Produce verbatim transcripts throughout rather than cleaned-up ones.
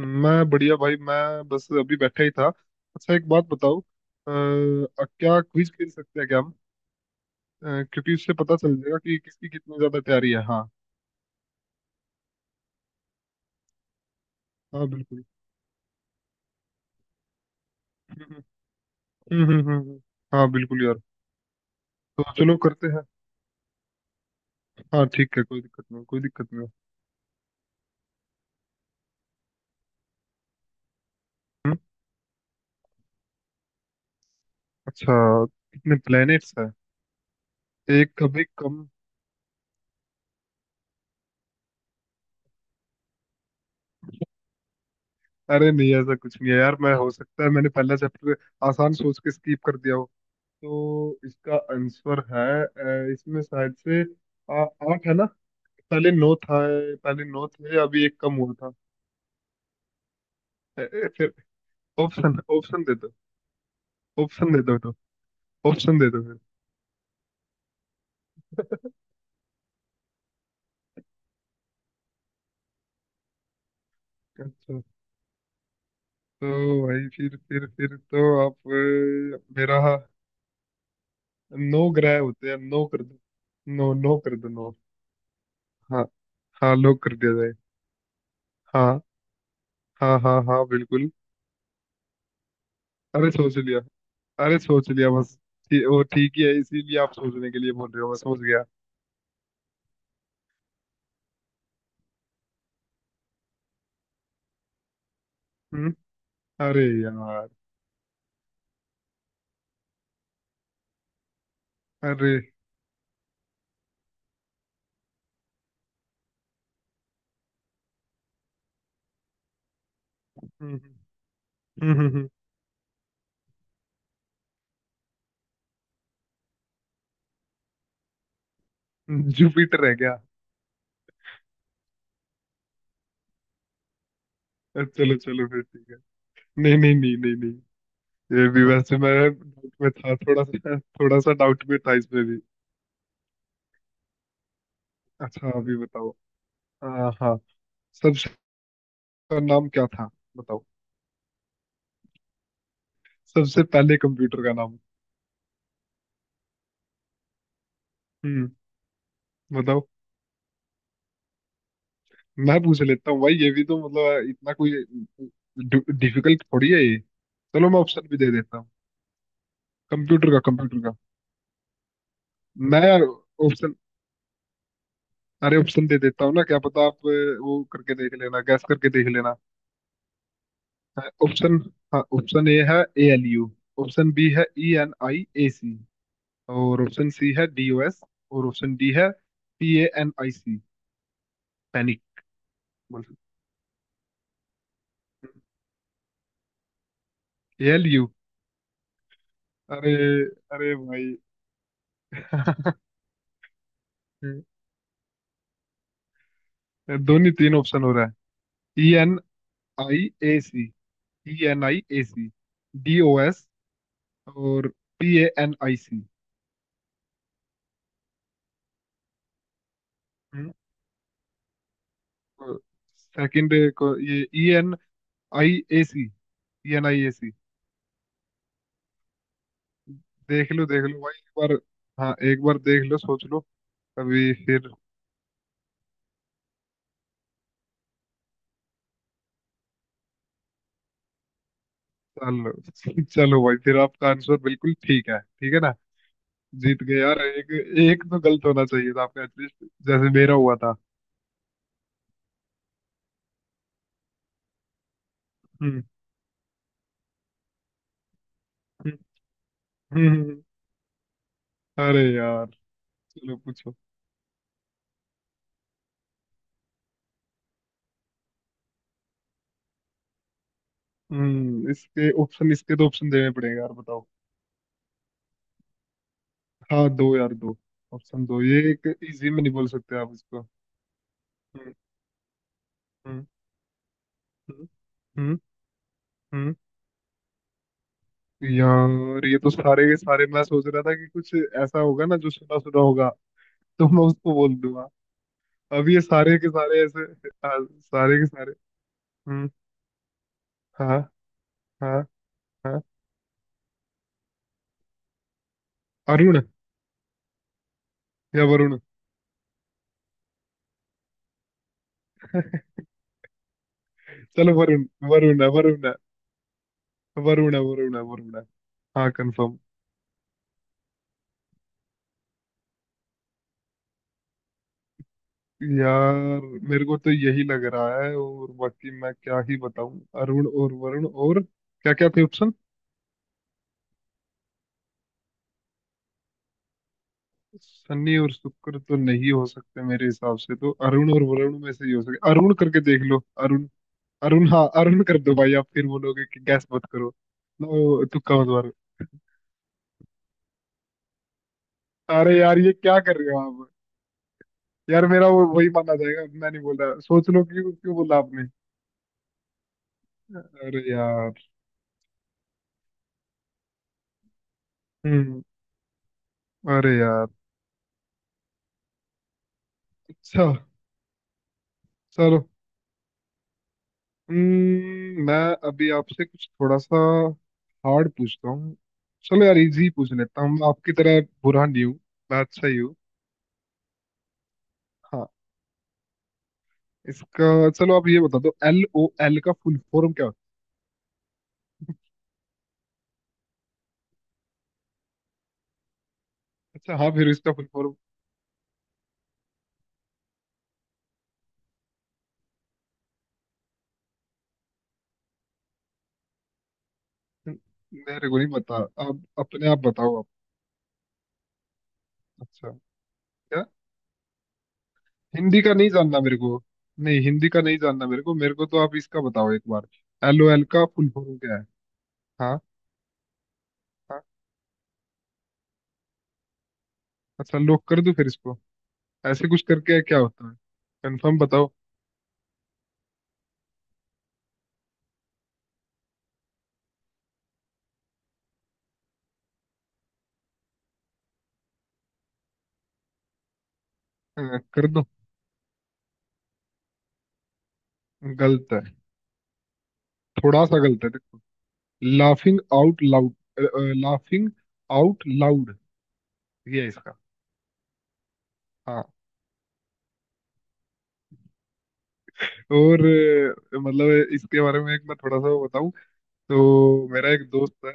मैं बढ़िया भाई। मैं बस अभी बैठा ही था। अच्छा, एक बात बताओ, अ, अ, क्या क्विज खेल सकते हैं क्या हम? अ, क्योंकि उससे पता चल जाएगा कि किसकी कितनी ज्यादा तैयारी है। हाँ। हाँ बिल्कुल। हम्म, हम्म, हम्म, हम्म, हम्म। हाँ बिल्कुल यार, तो चलो करते हैं। हाँ ठीक है, कोई दिक्कत नहीं, कोई दिक्कत नहीं। हम्म। अच्छा, कितने प्लेनेट्स हैं? एक कभी कम। अरे नहीं ऐसा कुछ नहीं है यार, मैं हो सकता है मैंने पहला चैप्टर आसान सोच के स्किप कर दिया हो। तो इसका आंसर है, अ, इसमें शायद से आ, आठ है ना। पहले नो था, पहले नो थे, अभी एक कम हुआ था। ए- ए- फिर ऑप्शन ऑप्शन दे दो। ऑप्शन दे दो तो, ऑप्शन दे दो फिर। अच्छा, तो भाई फिर फिर फिर तो आप, अ, मेरा नो ग्रह होते हैं, नो कर दो। नो, नो कर दो, नो। हाँ। हाँ लो कर दिया जाए। हाँ। हाँ हाँ हाँ बिल्कुल। अरे सोच लिया, अरे सोच लिया बस। ठी- वो ठीक ही है, इसीलिए आप सोचने के लिए बोल रहे हो, मैं सोच गया। हम्म। अरे यार। अरे। हम्म, हम्म, हम्म, हम्म, जुपिटर है क्या? चलो चलो फिर ठीक है। नहीं नहीं नहीं नहीं नहीं, ये भी वैसे मैं डाउट में था, थोड़ा सा थोड़ा सा डाउट में था इसमें भी। अच्छा, अभी बताओ। हाँ, हाँ। सबसे नाम क्या था, बताओ। सबसे पहले कंप्यूटर का नाम। हम्म, बताओ। मैं पूछ लेता हूँ भाई, ये भी तो मतलब इतना कोई डिफिकल्ट थोड़ी है ये। चलो मैं ऑप्शन भी दे देता हूँ। कंप्यूटर का, कंप्यूटर का। मैं यार ऑप्शन, अरे ऑप्शन दे देता हूँ ना, क्या पता आप, अ, वो करके देख लेना, गैस करके देख लेना। ऑप्शन। हाँ, ऑप्शन ए है A L U. Option B है E N I A C. और ऑप्शन सी है डी ओ एस। और ऑप्शन डी है P A N I C. Panic बोल। A L U. अरे। अरे भाई। हम्म, दोनों तीन ऑप्शन हो रहा है। E N I A C. E N I A C. D O S. और P A N I C. Second को ये, E N I A C. E N I A C. देख लो देख लो भाई, एक बार। हाँ, एक बार देख लो, सोच लो तभी फिर। चलो चलो भाई, फिर आपका आंसर बिल्कुल ठीक है, ठीक है ना। जीत गए यार एक। एक तो गलत होना चाहिए था आपका एटलीस्ट, जैसे मेरा हुआ था। हम्म, हम्म, हम्म, हम्म। अरे यार। चलो पूछो। हम्म, इसके ऑप्शन इसके तो ऑप्शन देने पड़ेंगे यार, बताओ। हाँ दो यार दो। ऑप्शन दो, ये एक इजी में नहीं बोल सकते आप इसको। हम्म, हम्म, हम्म, हम्म, हम्म। यार ये तो सारे के सारे, मैं सोच रहा था कि कुछ ऐसा होगा ना जो सुना सुना होगा, तो मैं उसको बोल दूंगा। अब ये सारे के सारे ऐसे, आ, सारे के सारे। हम्म। हाँ, हाँ, हाँ। अरुण या वरुण। चलो वरुण। वरुण है, वरुण है, वरुण है, वरुण है, वरुण है। हाँ, कंफर्म। यार मेरे को तो यही लग रहा है, और बाकी मैं क्या ही बताऊं, अरुण और वरुण और क्या क्या थे? शनि और शुक्र तो नहीं हो सकते मेरे हिसाब से, तो अरुण और वरुण में से ही हो सके। अरुण करके देख लो। अरुण, अरुण, हाँ अरुण कर दो भाई, आप फिर बोलोगे कि गैस मत करो, ना वो तुक्का मत मारो। अरे यार ये क्या कर रहे हो आप? यार मेरा वो वही माना जाएगा, मैं नहीं बोल रहा सोच लो, क्यों क्यों बोला आपने? अरे यार। हम्म। अरे यार। अच्छा, चलो। हम्म। मैं अभी आपसे कुछ थोड़ा सा हार्ड पूछता हूँ। चलो यार, इजी पूछ लेता हूँ, मैं आपकी तरह बुरा नहीं हूँ, मैं अच्छा ही हूँ। हाँ, इसका चलो आप ये बता दो, एल ओ एल का फुल फॉर्म क्या होता है? अच्छा, हाँ फिर इसका फुल फॉर्म? मेरे को नहीं पता, आप अपने आप बताओ आप। अच्छा, क्या? हिंदी का नहीं जानना मेरे को। नहीं, हिंदी का नहीं जानना मेरे को, मेरे को तो आप इसका बताओ एक बार। एल ओ एल का फुल फॉर्म क्या है? हाँ। हाँ, अच्छा लॉक कर दूं फिर इसको? ऐसे कुछ करके क्या होता है? कंफर्म बताओ। हाँ, कर दो। गलत है। थोड़ा सा गलत है, देखो, laughing out loud, laughing out loud, ये है इसका। हाँ। और, अ, मतलब इसके बारे में एक मैं थोड़ा सा बताऊं, तो मेरा एक दोस्त है।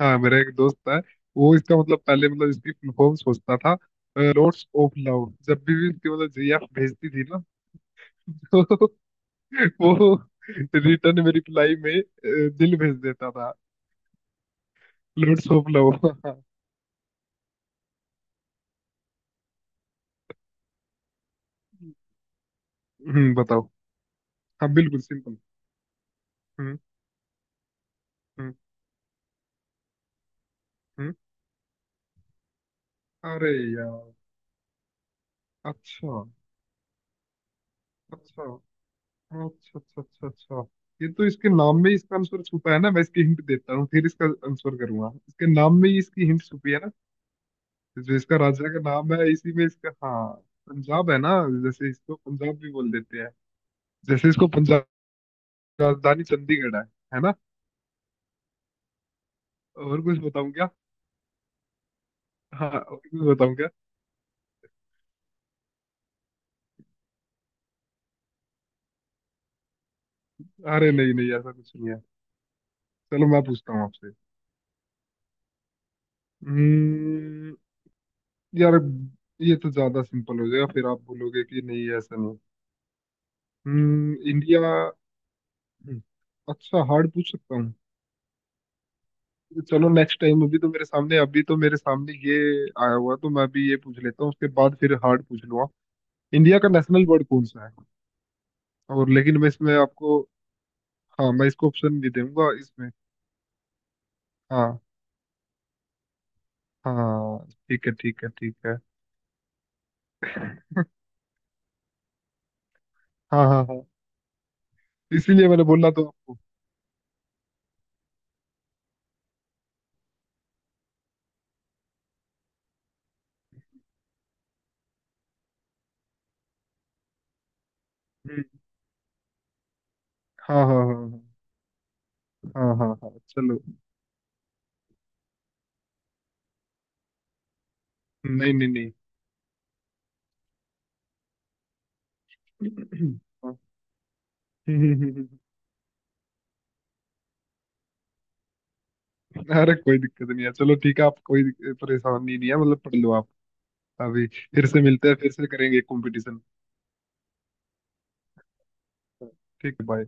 हाँ, मेरा एक दोस्त है, वो इसका मतलब, पहले मतलब इसकी फुल फॉर्म सोचता था लॉर्ड्स ऑफ लव। जब भी भी इसकी मतलब जी एफ भेजती थी ना तो वो रिटर्न में, रिप्लाई में अ, दिल भेज देता था। लॉर्ड्स ऑफ लव हम्म, बताओ। हाँ बिल्कुल सिंपल। हम्म, हम्म, हम्म। अरे यार। अच्छा, अच्छा, अच्छा, अच्छा। अच्छा, अच्छा, ये तो इसके नाम में ही इसका आंसर छुपा है ना। मैं इसकी हिंट देता हूँ, फिर इसका आंसर करूंगा, इसके नाम में ही इसकी हिंट छुपी है ना। जो इसका राजा का नाम है, इसी में इसका, हाँ पंजाब है ना। जैसे इसको पंजाब भी बोल देते हैं। जैसे इसको पंजाब, राजधानी चंडीगढ़ है है ना? और कुछ बताऊं क्या? हाँ, और कुछ बताऊं क्या? अरे नहीं, नहीं ऐसा कुछ नहीं है। चलो मैं पूछता हूँ आपसे। हम्म। यार ये तो ज्यादा सिंपल हो जाएगा, फिर आप बोलोगे कि नहीं ऐसा नहीं। हम्म, इंडिया। हम्म, अच्छा हार्ड पूछ सकता हूँ। चलो नेक्स्ट टाइम, अभी तो मेरे सामने, अभी तो मेरे सामने ये आया हुआ तो मैं अभी ये पूछ लेता हूँ, उसके बाद फिर हार्ड पूछ लूंगा। इंडिया का नेशनल बर्ड कौन सा है? और लेकिन मैं इसमें आपको, हाँ मैं इसको ऑप्शन भी दूंगा इसमें। हाँ, हाँ ठीक है, ठीक है, ठीक है। हाँ हाँ हाँ, इसीलिए मैंने बोला तो आपको। हम्म। हाँ हाँ हाँ हाँ हाँ हाँ हाँ, चलो। नहीं नहीं नहीं। हाँ, अरे कोई दिक्कत नहीं है, चलो ठीक है आप, कोई दिक- परेशानी नहीं है, मतलब पढ़ लो आप। अभी फिर से मिलते हैं, फिर से करेंगे कंपटीशन। ठीक है, बाय।